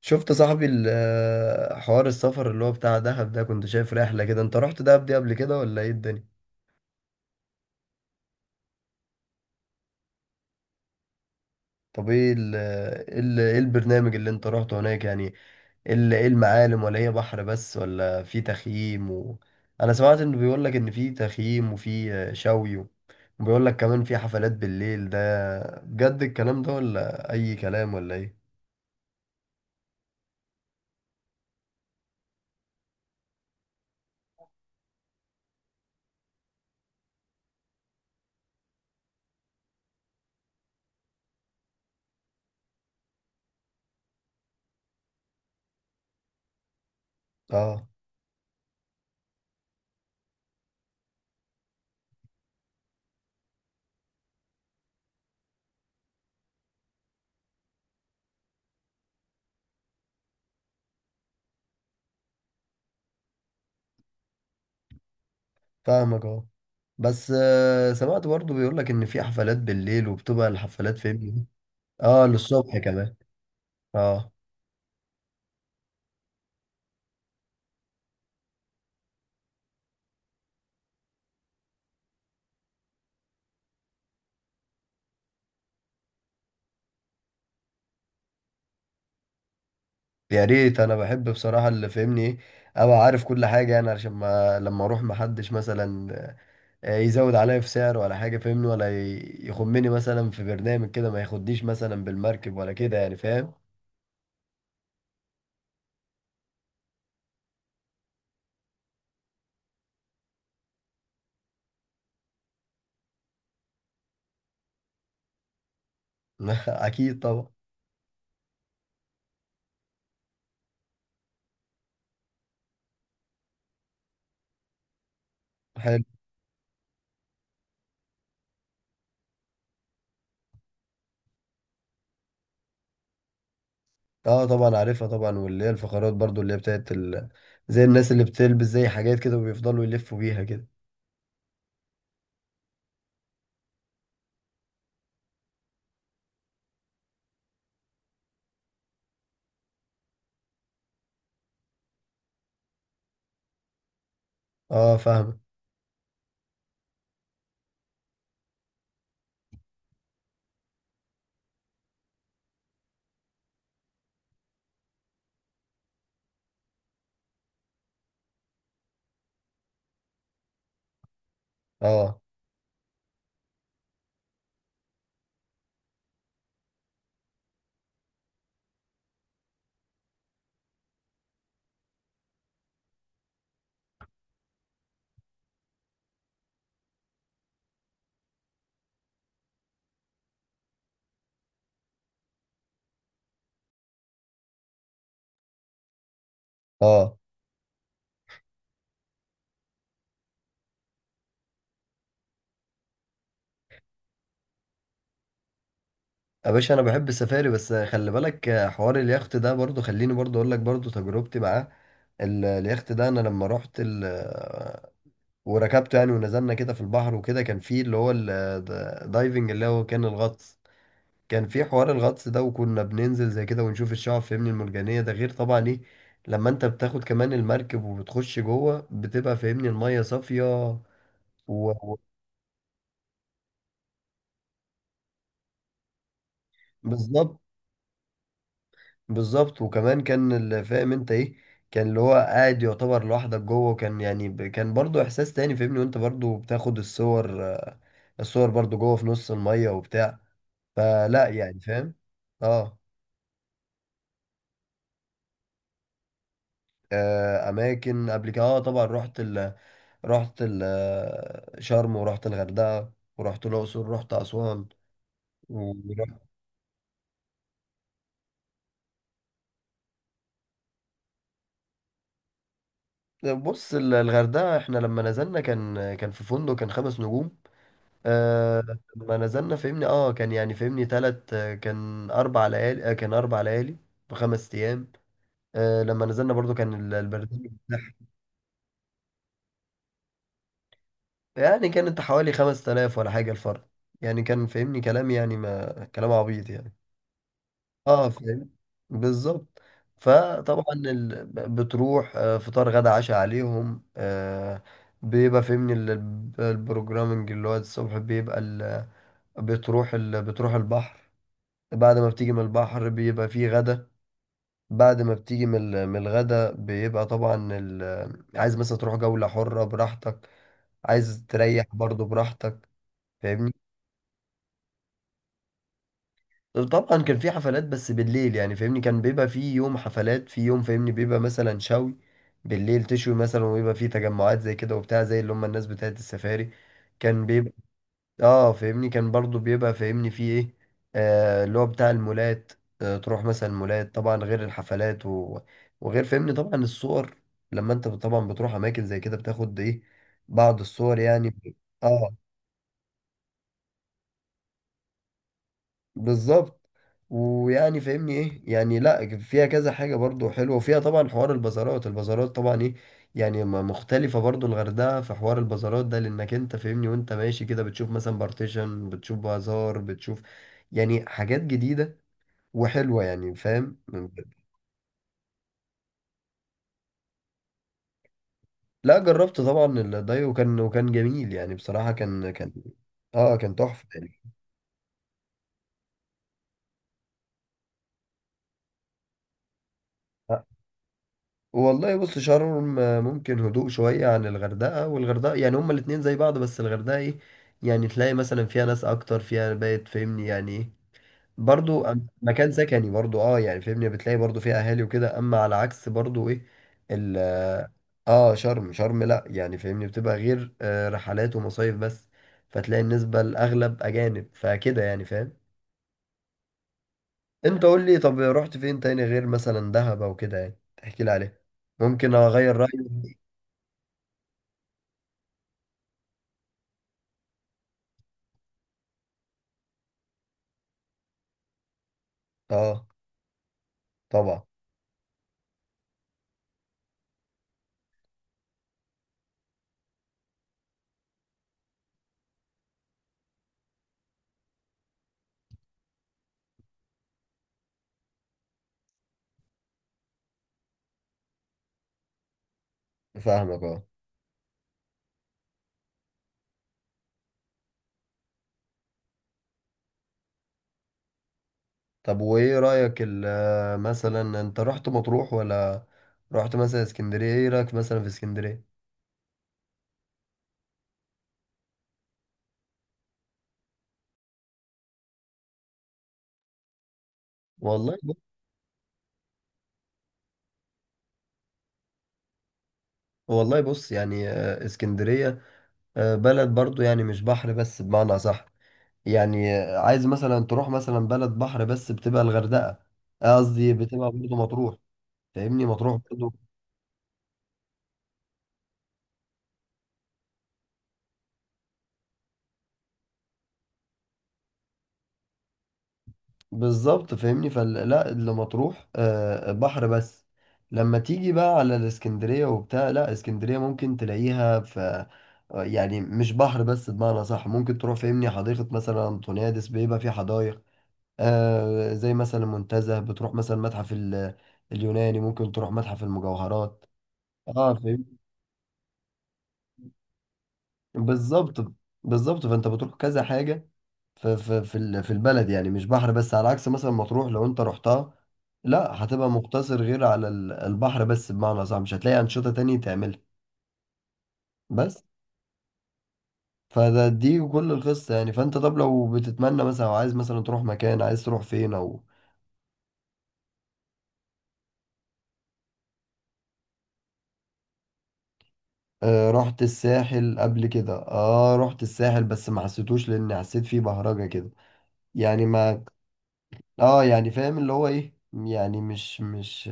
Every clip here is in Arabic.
شفت صاحبي حوار السفر اللي هو بتاع دهب ده، كنت شايف رحلة كده، انت رحت دهب دي قبل كده ولا ايه الدنيا؟ طب ايه ايه البرنامج اللي انت رحته هناك يعني؟ ايه المعالم، ولا هي بحر بس، ولا في تخييم انا سمعت انه بيقول لك ان في تخييم وفي شوي، وبيقول لك كمان في حفلات بالليل ده، بجد الكلام ده ولا اي كلام ولا ايه؟ اه، فاهمك، اه. بس سمعت برضه بيقول لك ان في حفلات بالليل، وبتبقى الحفلات فين؟ اه، للصبح كمان؟ اه. يا ريت، انا بحب بصراحة اللي فهمني ايه، ابقى عارف كل حاجة يعني، عشان ما لما اروح محدش مثلا يزود عليا في سعر ولا حاجة، فهمني، ولا يخمني مثلا في برنامج كده، ما ياخدنيش مثلا بالمركب ولا كده، يعني فاهم. اكيد طبعا. حلو. اه طبعا عارفها طبعا، واللي هي الفقرات برضو اللي هي بتاعت ال... زي الناس اللي بتلبس زي حاجات كده وبيفضلوا يلفوا بيها كده. اه فاهم. اه اه. يا باشا، انا بحب السفاري، بس خلي بالك حوار اليخت ده برضو، خليني برضو اقول لك برضو تجربتي معاه. اليخت ده، انا لما رحت ال... وركبته يعني، ونزلنا كده في البحر وكده، كان فيه اللي هو الدايفنج، اللي هو كان الغطس، كان فيه حوار الغطس ده، وكنا بننزل زي كده ونشوف الشعاب، فاهمني، المرجانية، ده غير طبعا ايه، لما انت بتاخد كمان المركب وبتخش جوه، بتبقى، فاهمني، المية صافية و... و... بالظبط. بالظبط، وكمان كان اللي فاهم انت ايه، كان اللي هو قاعد يعتبر لوحدك جوه، وكان يعني كان برضو احساس تاني، فاهمني، وانت برضو بتاخد الصور الصور برضو جوه في نص المية وبتاع، فلا يعني فاهم. اه. آه، اماكن قبل كده، اه طبعا، رحت ال آه، شرم، ورحت الغردقة، ورحت الاقصر، رحت اسوان، ورحت بص، الغردقة احنا لما نزلنا، كان في فندق، كان 5 نجوم. آه. لما نزلنا فهمني، اه، كان يعني، فهمني، تلت آه، كان 4 ليالي، ب5 ايام. آه، لما نزلنا برضو كان البرنامج بتاعها، يعني كانت حوالي 5000 ولا حاجة الفرد، يعني كان فهمني كلام، يعني ما كلام عبيط يعني. اه فاهم. بالظبط. فطبعا ال... بتروح فطار غدا عشاء عليهم بيبقى فهمني البروجرامنج، اللي هو الصبح بيبقى ال... بتروح البحر، بعد ما بتيجي من البحر بيبقى فيه غدا، بعد ما بتيجي من من الغدا، بيبقى طبعا عايز مثلا تروح جولة حرة براحتك، عايز تريح برضه براحتك، فاهمني. طبعا كان في حفلات بس بالليل، يعني فاهمني كان بيبقى في يوم حفلات في يوم، فاهمني، بيبقى مثلا شوي بالليل تشوي مثلا، ويبقى في تجمعات زي كده وبتاع، زي اللي هم الناس بتاعت السفاري كان بيبقى. اه، فاهمني كان برضو بيبقى فاهمني فيه ايه، آه، اللي هو بتاع المولات، آه تروح مثلا مولات، طبعا غير الحفلات وغير، فاهمني، طبعا الصور، لما انت طبعا بتروح اماكن زي كده بتاخد ايه، بعض الصور يعني. اه. بالظبط. ويعني فاهمني ايه يعني، لا فيها كذا حاجه برضو حلوه، وفيها طبعا حوار البازارات، البازارات طبعا ايه، يعني مختلفه برضو، الغردقه في حوار البازارات ده، لانك انت فاهمني، وانت ماشي كده بتشوف مثلا بارتيشن، بتشوف بازار، بتشوف يعني حاجات جديده وحلوه، يعني فاهم. لا، جربت طبعا الداي، وكان جميل يعني، بصراحه كان تحفه يعني. والله بص، شرم ممكن هدوء شوية عن الغردقة، والغردقة يعني، هما الاتنين زي بعض، بس الغردقة ايه، يعني تلاقي مثلا فيها ناس أكتر، فيها بقت، فاهمني، يعني ايه، برضو مكان سكني برضو، اه يعني فاهمني بتلاقي برضو فيها أهالي وكده، أما على عكس برضو ايه، ال، اه، شرم شرم لأ، يعني فاهمني بتبقى غير رحلات ومصايف بس، فتلاقي النسبة الأغلب أجانب، فكده يعني فاهم. انت قول لي، طب رحت فين تاني غير مثلا دهب أو كده، يعني تحكي لي عليه، ممكن اغير رايي. اه طبعا. فاهمك اه. طب وايه رأيك مثلا انت رحت مطروح، ولا رحت مثلا اسكندرية، ايه رأيك مثلا في اسكندرية؟ والله بص. والله بص يعني، اسكندرية بلد برضو يعني مش بحر بس بمعنى صح، يعني عايز مثلا تروح مثلا بلد بحر بس بتبقى الغردقة، قصدي بتبقى برضو مطروح، فاهمني، مطروح برضو. بالظبط، فاهمني، فلا اللي مطروح بحر بس، لما تيجي بقى على الاسكندرية وبتاع، لا اسكندرية ممكن تلاقيها في يعني مش بحر بس بمعنى صح، ممكن تروح فاهمني حديقة مثلا أنطونيادس، بيبقى في حدائق زي مثلا المنتزه، بتروح مثلا متحف اليوناني، ممكن تروح متحف المجوهرات. اه فاهم. بالظبط. بالظبط، فانت بتروح كذا حاجة في في البلد، يعني مش بحر بس على عكس مثلا مطروح لو انت رحتها، لا، هتبقى مقتصر غير على البحر بس بمعنى صح، مش هتلاقي أنشطة تانية تعملها بس. دي كل القصة يعني، فانت طب لو بتتمنى مثلا، او عايز مثلا تروح مكان، عايز تروح فين، او آه رحت الساحل قبل كده، اه رحت الساحل بس ما حسيتوش، لان حسيت فيه بهرجة كده، يعني ما اه يعني فاهم اللي هو ايه يعني مش،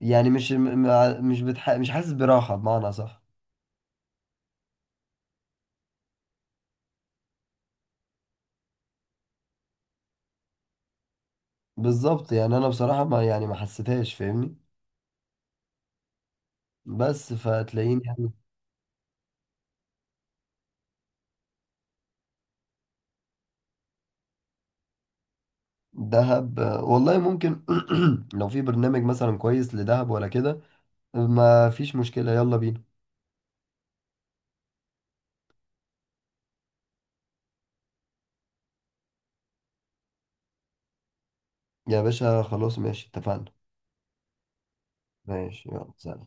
يعني مش م- مش بتح... مش حاسس براحة بمعنى صح. بالظبط يعني انا بصراحه ما، يعني، ما حسيتهاش، فاهمني، بس فتلاقيني يعني. دهب والله ممكن. لو في برنامج مثلا كويس لدهب ولا كده، ما فيش مشكله، يلا بينا. يا باشا خلاص ماشي، اتفقنا. ماشي، يلا سلام.